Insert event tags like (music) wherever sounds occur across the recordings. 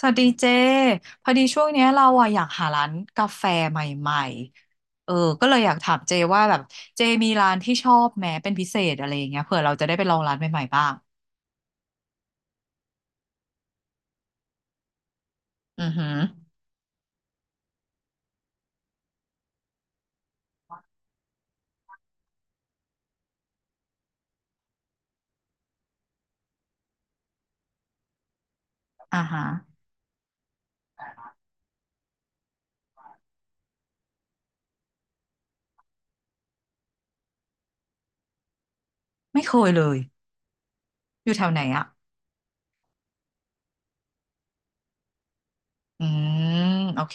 สวัสดีเจพอดีช่วงเนี้ยเราอะอยากหาร้านกาแฟใหม่ๆก็เลยอยากถามเจว่าแบบเจมีร้านที่ชอบแม้เป็นพิเศษอะไรอย่างเงี้ยเผื่อเราจะได้ไปลองร้านใหม่ๆบ้างอือหืออ่าฮะไม่เคยเลยอยู่แถวไหนอะอืมโอเค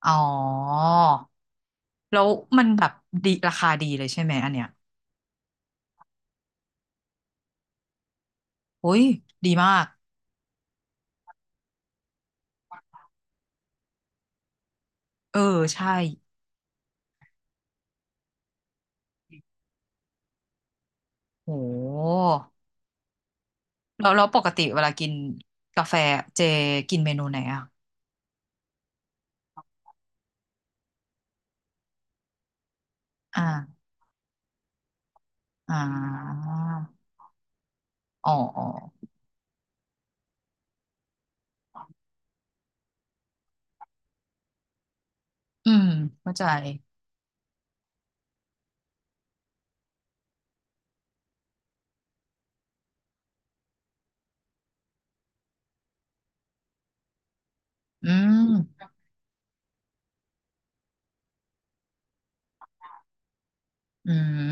อ๋อแล้วมันแบบดีราคาดีเลยใช่ไหมอันเนี้ยโอ้ยดีมากเออใช่โหแล้วปกติเวลากินกาแฟเจกินเมนูไหนอะอ่า อ่าอ๋ออืมเข้าใจอืมอืม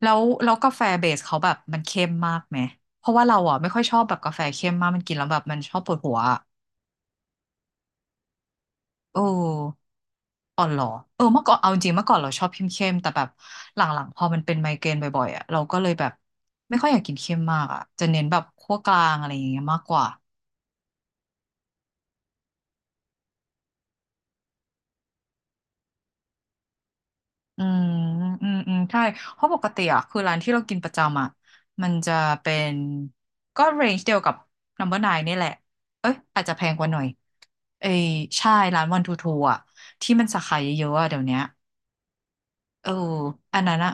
แล้วกาแฟเบสเขาแบบมันเข้มมากไหมเพราะว่าเราอ่ะไม่ค่อยชอบแบบกาแฟเข้มมากมันกินแล้วแบบมันชอบปวดหัวอะเอออ๋อเหรอเออเมื่อก่อนเอาจริงเมื่อก่อนเราชอบเข้มเข้มแต่แบบหลังๆพอมันเป็นไมเกรนบ่อยๆอ่ะเราก็เลยแบบไม่ค่อยอยากกินเข้มมากอ่ะจะเน้นแบบคั่วกลางอะไรอย่างเงี้ยมากกว่า อืมอืมใช่เพราะปกติอ่ะคือร้านที่เรากินประจำอ่ะมันจะเป็นก็เรนจ์เดียวกับ Number n นายนี่แหละเอ้ยอาจจะแพงกว่าหน่อยเอ้ยใช่ร้านวันทูทูอ่ะที่มันสาขาเยอะๆอ่ะเดี๋ยวเนี้ยเอออันนั้นอ่ะ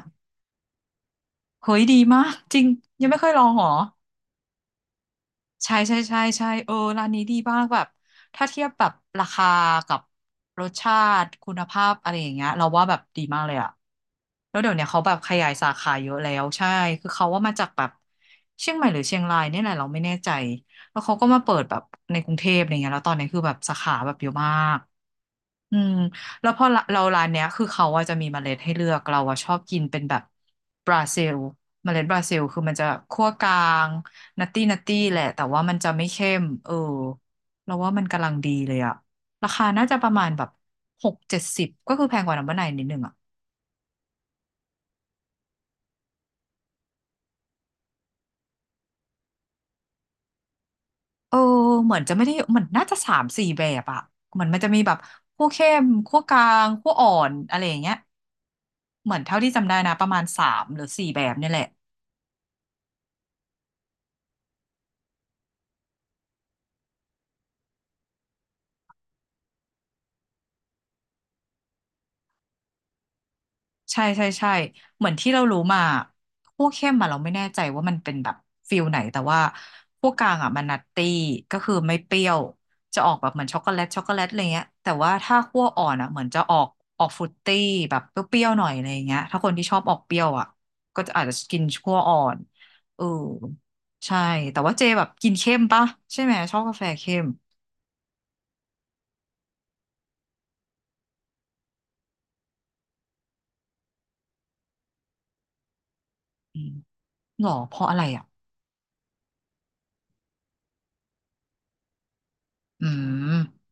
เฮ้ยดีมากจริงยังไม่เคยลองหรอ ใช่ใช่ใช่ใช่เออร้านนี้ดีมากแบบถ้าเทียบแบบราคากับรสชาติคุณภาพอะไรอย่างเงี้ยเราว่าแบบดีมากเลยอะแล้วเดี๋ยวเนี้ยเขาแบบขยายสาขาเยอะแล้วใช่คือเขาว่ามาจากแบบเชียงใหม่หรือเชียงรายเนี่ยแหละเราไม่แน่ใจแล้วเขาก็มาเปิดแบบในกรุงเทพอะไรเงี้ยแล้วตอนนี้คือแบบสาขาแบบเยอะมาก อืมแล้วพอเราร้านเนี้ยคือเขาอะจะมีเมล็ดให้เลือกเราอะชอบกินเป็นแบบบราซิลเมล็ดบราซิลคือมันจะคั่วกลางนัตตี้นัตตี้แหละแต่ว่ามันจะไม่เข้มเออเราว่ามันกำลังดีเลยอะราคาน่าจะประมาณแบบหกเจ็ดสิบก็คือแพงกว่าน้ำมันไนนิดนึงอะเออเหมือนจะไม่ได้มันน่าจะสามสี่แบบอะเหมือนมันจะมีแบบคั่วเข้มคั่วกลางคั่วอ่อนอะไรอย่างเงี้ยเหมือนเท่าที่จำได้นะประมาณสามหรือสี่แบบเนี่ยแหละ ใช่ใช่ใช่เหมือนที่เรารู้มาพวกเข้มอะเราไม่แน่ใจว่ามันเป็นแบบฟิลไหนแต่ว่าพวกกลางอะมันนัตตี้ก็คือไม่เปรี้ยวจะออกแบบเหมือนช็อกโกแลตช็อกโกแลตอะไรเงี้ยแต่ว่าถ้าคั่วอ่อนอะเหมือนจะออกฟรุตตี้แบบเปรี้ยวๆหน่อยอะไรเงี้ยถ้าคนที่ชอบออกเปรี้ยวอะก็จะอาจจะกินคั่วอ่อนเออใช่แต่ว่าเจแบบกินเข้มปะใช่ไหมชอบกาแฟเข้มอืมหรอเพราะอะไรอ่ะอืม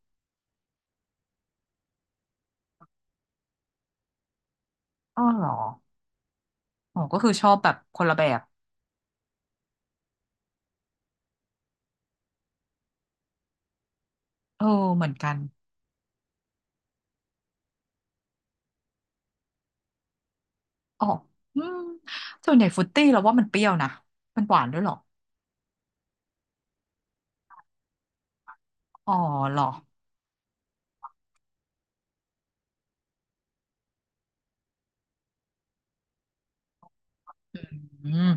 อ๋อเหรออ๋อก็คือชอบแบบคนละแบบ เออเหมือนกันอ๋ออืมส่วนใหญ่ฟรุตตี้เราว่ามันเปรี้ยวนะมันหวานด้วยเหรออ๋อเหรออืม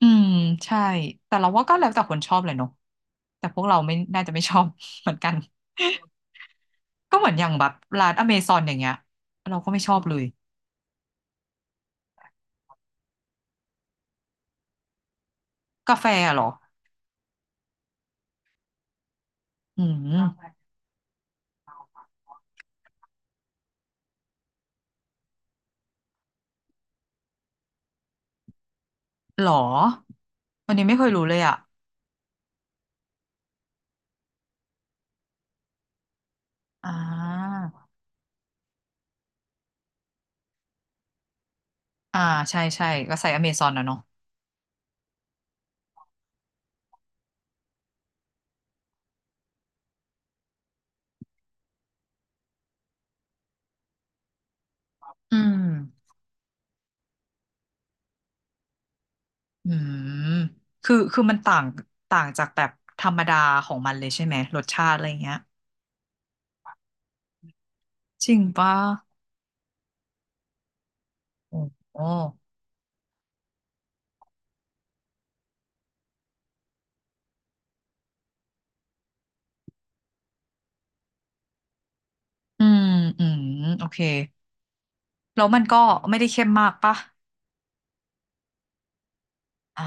อืมใช่แต่เราว่าก็แล้วแต่คนชอบเลยเนาะแต่พวกเราไม่น่าจะไม่ชอบ (laughs) เหมือนกันก็เหมือนอย่างแบบร้านอเมซอนอย่างเงี้ยเราก็ไม่ชอบเลยกาแฟอะเหรออืมเหรอวันนี้ไม่เคยรู้เลยอ่ะอ่าอ่าใช่ใช่ก็ใส่อเมซอนนะเนาะอืม อืมคือมันต่าง ต่างจากแบบธรรมดาของมันเลยใช่ไหมรสชาติอะไรเงี้ยจริงปะโอ้โหอืม อืม โอเค แล้วมันก็ไม่ได้เข้มมากปะอ่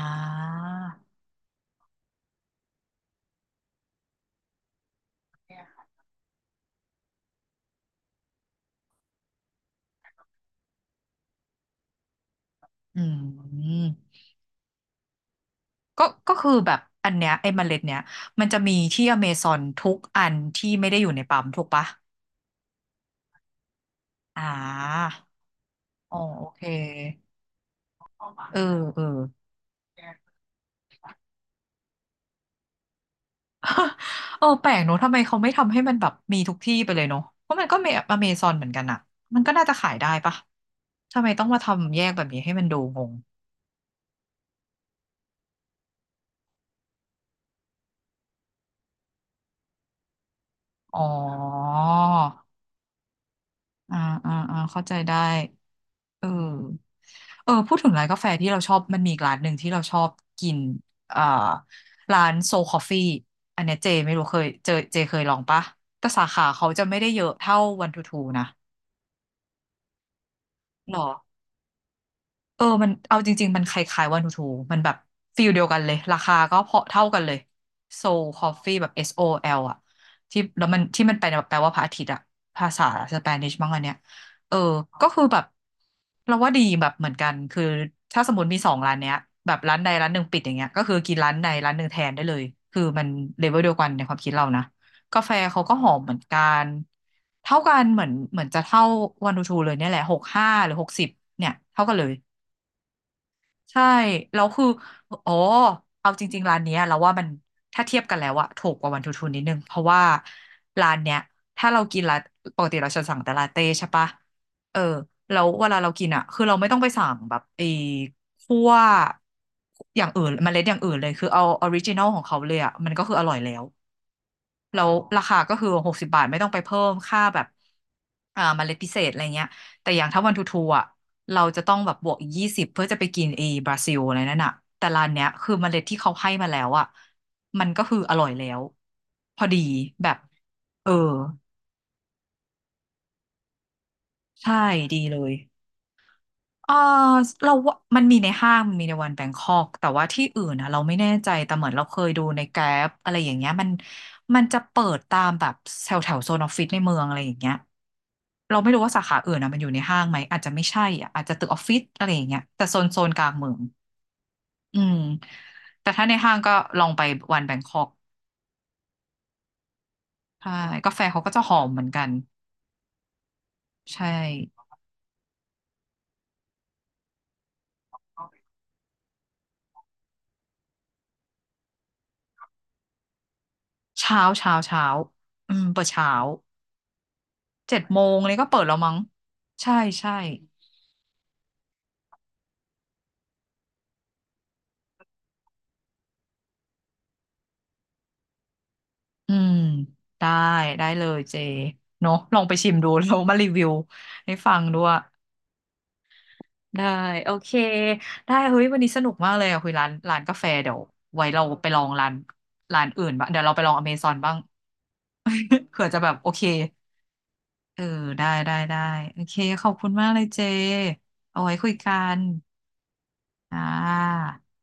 าอืม ก็ คือแบบอันเนี้ยไอ้เมล็ดเนี้ย มันจะมีที่อเมซอนทุกอันที่ไม่ได้อยู่ในปั๊มถูกปะอ่าอ๋อโอเคเออเออ เออแปลกเนอะทำไมเขาไม่ทำให้มันแบบมีทุกที่ไปเลยเนอะเพราะมันก็เมอเมซอนเหมือนกันอะมันก็น่าจะขายได้ปะทำไมต้องมาทำแยกแบบนี้ให้มันดูงงอ๋ออ่าอ่าอ่าเข้าใจได้เออเออพูดถึงร้านกาแฟที่เราชอบมันมีอีกร้านหนึ่งที่เราชอบกินอ่าร้านโซคอฟฟี่อันเนี้ยเจไม่รู้เคยเจอเจเคยลองปะแต่สาขาเขาจะไม่ได้เยอะเท่าวันทูทูนะหรอ เออมันเอาจริงๆมันคล้ายๆวานูทูมันแบบฟีลเดียวกันเลยราคาก็พอเท่ากันเลยโซลคอฟฟี่แบบ S O L อแอลอ่ะที่แล้วมันที่มันแปลว่าพระอาทิตย์อ่ะภาษาสเปนิชมั้งอันเนี้ยเออก็คือแบบเราว่าดีแบบเหมือนกันคือถ้าสมมติมีสองร้านเนี้ยแบบร้านใดร้านหนึ่งปิดอย่างเงี้ยก็คือกินร้านใดร้านหนึ่งแทนได้เลยคือมันเลเวลเดียวกันในความคิดเรานะกาแฟเขาก็หอมเหมือนกันเท่ากันเหมือนจะเท่าวานูทูเลยเนี่ยแหละ65หรือหกสิบเนี่ยเท่ากันเลย ใช่แล้วคืออ๋อเอาจริงๆร้านเนี้ยเราว่ามันถ้าเทียบกันแล้วอะถูกกว่าวันทูทูนิดนึงเพราะว่าร้านเนี้ยถ้าเรากินละปกติเราจะสั่งแต่ลาเต้ใช่ปะเออแล้วเวลาเรากินอะคือเราไม่ต้องไปสั่งแบบไอ้คั่วอย่างอื่นเมล็ดอย่างอื่นเลยคือเอาออริจินอลของเขาเลยอะมันก็คืออร่อยแล้ว แล้วราคาก็คือ60 บาทไม่ต้องไปเพิ่มค่าแบบเมล็ดพิเศษอะไรเงี้ยแต่อย่างถ้าวันทูทูอ่ะเราจะต้องแบบบวกอีก20เพื่อจะไปกินเอบราซิลอะไรนั่นอ่ะแต่ร้านเนี้ยคือเมล็ดที่เขาให้มาแล้วอ่ะมันก็คืออร่อยแล้วพอดีแบบเออใช่ดีเลยเออเราว่ามันมีในห้างมันมีในวันแบงคอกแต่ว่าที่อื่นนะเราไม่แน่ใจแต่เหมือนเราเคยดูในแกร็บอะไรอย่างเงี้ยมันมันจะเปิดตามแบบแถวแถวโซนออฟฟิศในเมืองอะไรอย่างเงี้ย เราไม่รู้ว่าสาขาอื่นอ่ะมันอยู่ในห้างไหมอาจจะไม่ใช่อ่ะอาจจะตึกออฟฟิศอะไรอย่างเงี้ยแต่โซนกลางเมืองอืมแต่ถ้าในห้างก็ลองไปวันแบงคอกใช่กาแฟเขาก็จะหอมเหมือนกันใช่เช้าเช้าอืมเปิดเช้า7 โมงเลยก็เปิดแล้วมั้งใช่ใช่อืมได้ได้เลยเจเนอะลองไปชิมดู (laughs) แล้วมารีวิวให้ฟังด้วย ได้โอเคได้เฮ้ยวันนี้สนุกมากเลยอะคุยร้านกาแฟเดี๋ยวไว้เราไปลองร้านร้านอื่นบ้างเดี๋ยวเราไปลองอเมซอนบ้าง (laughs) เผื่อจะแบบโอเคเออได้ได้ได้โอเคขอบคุณมากเลยเจเอาไว้คุยกันอ่า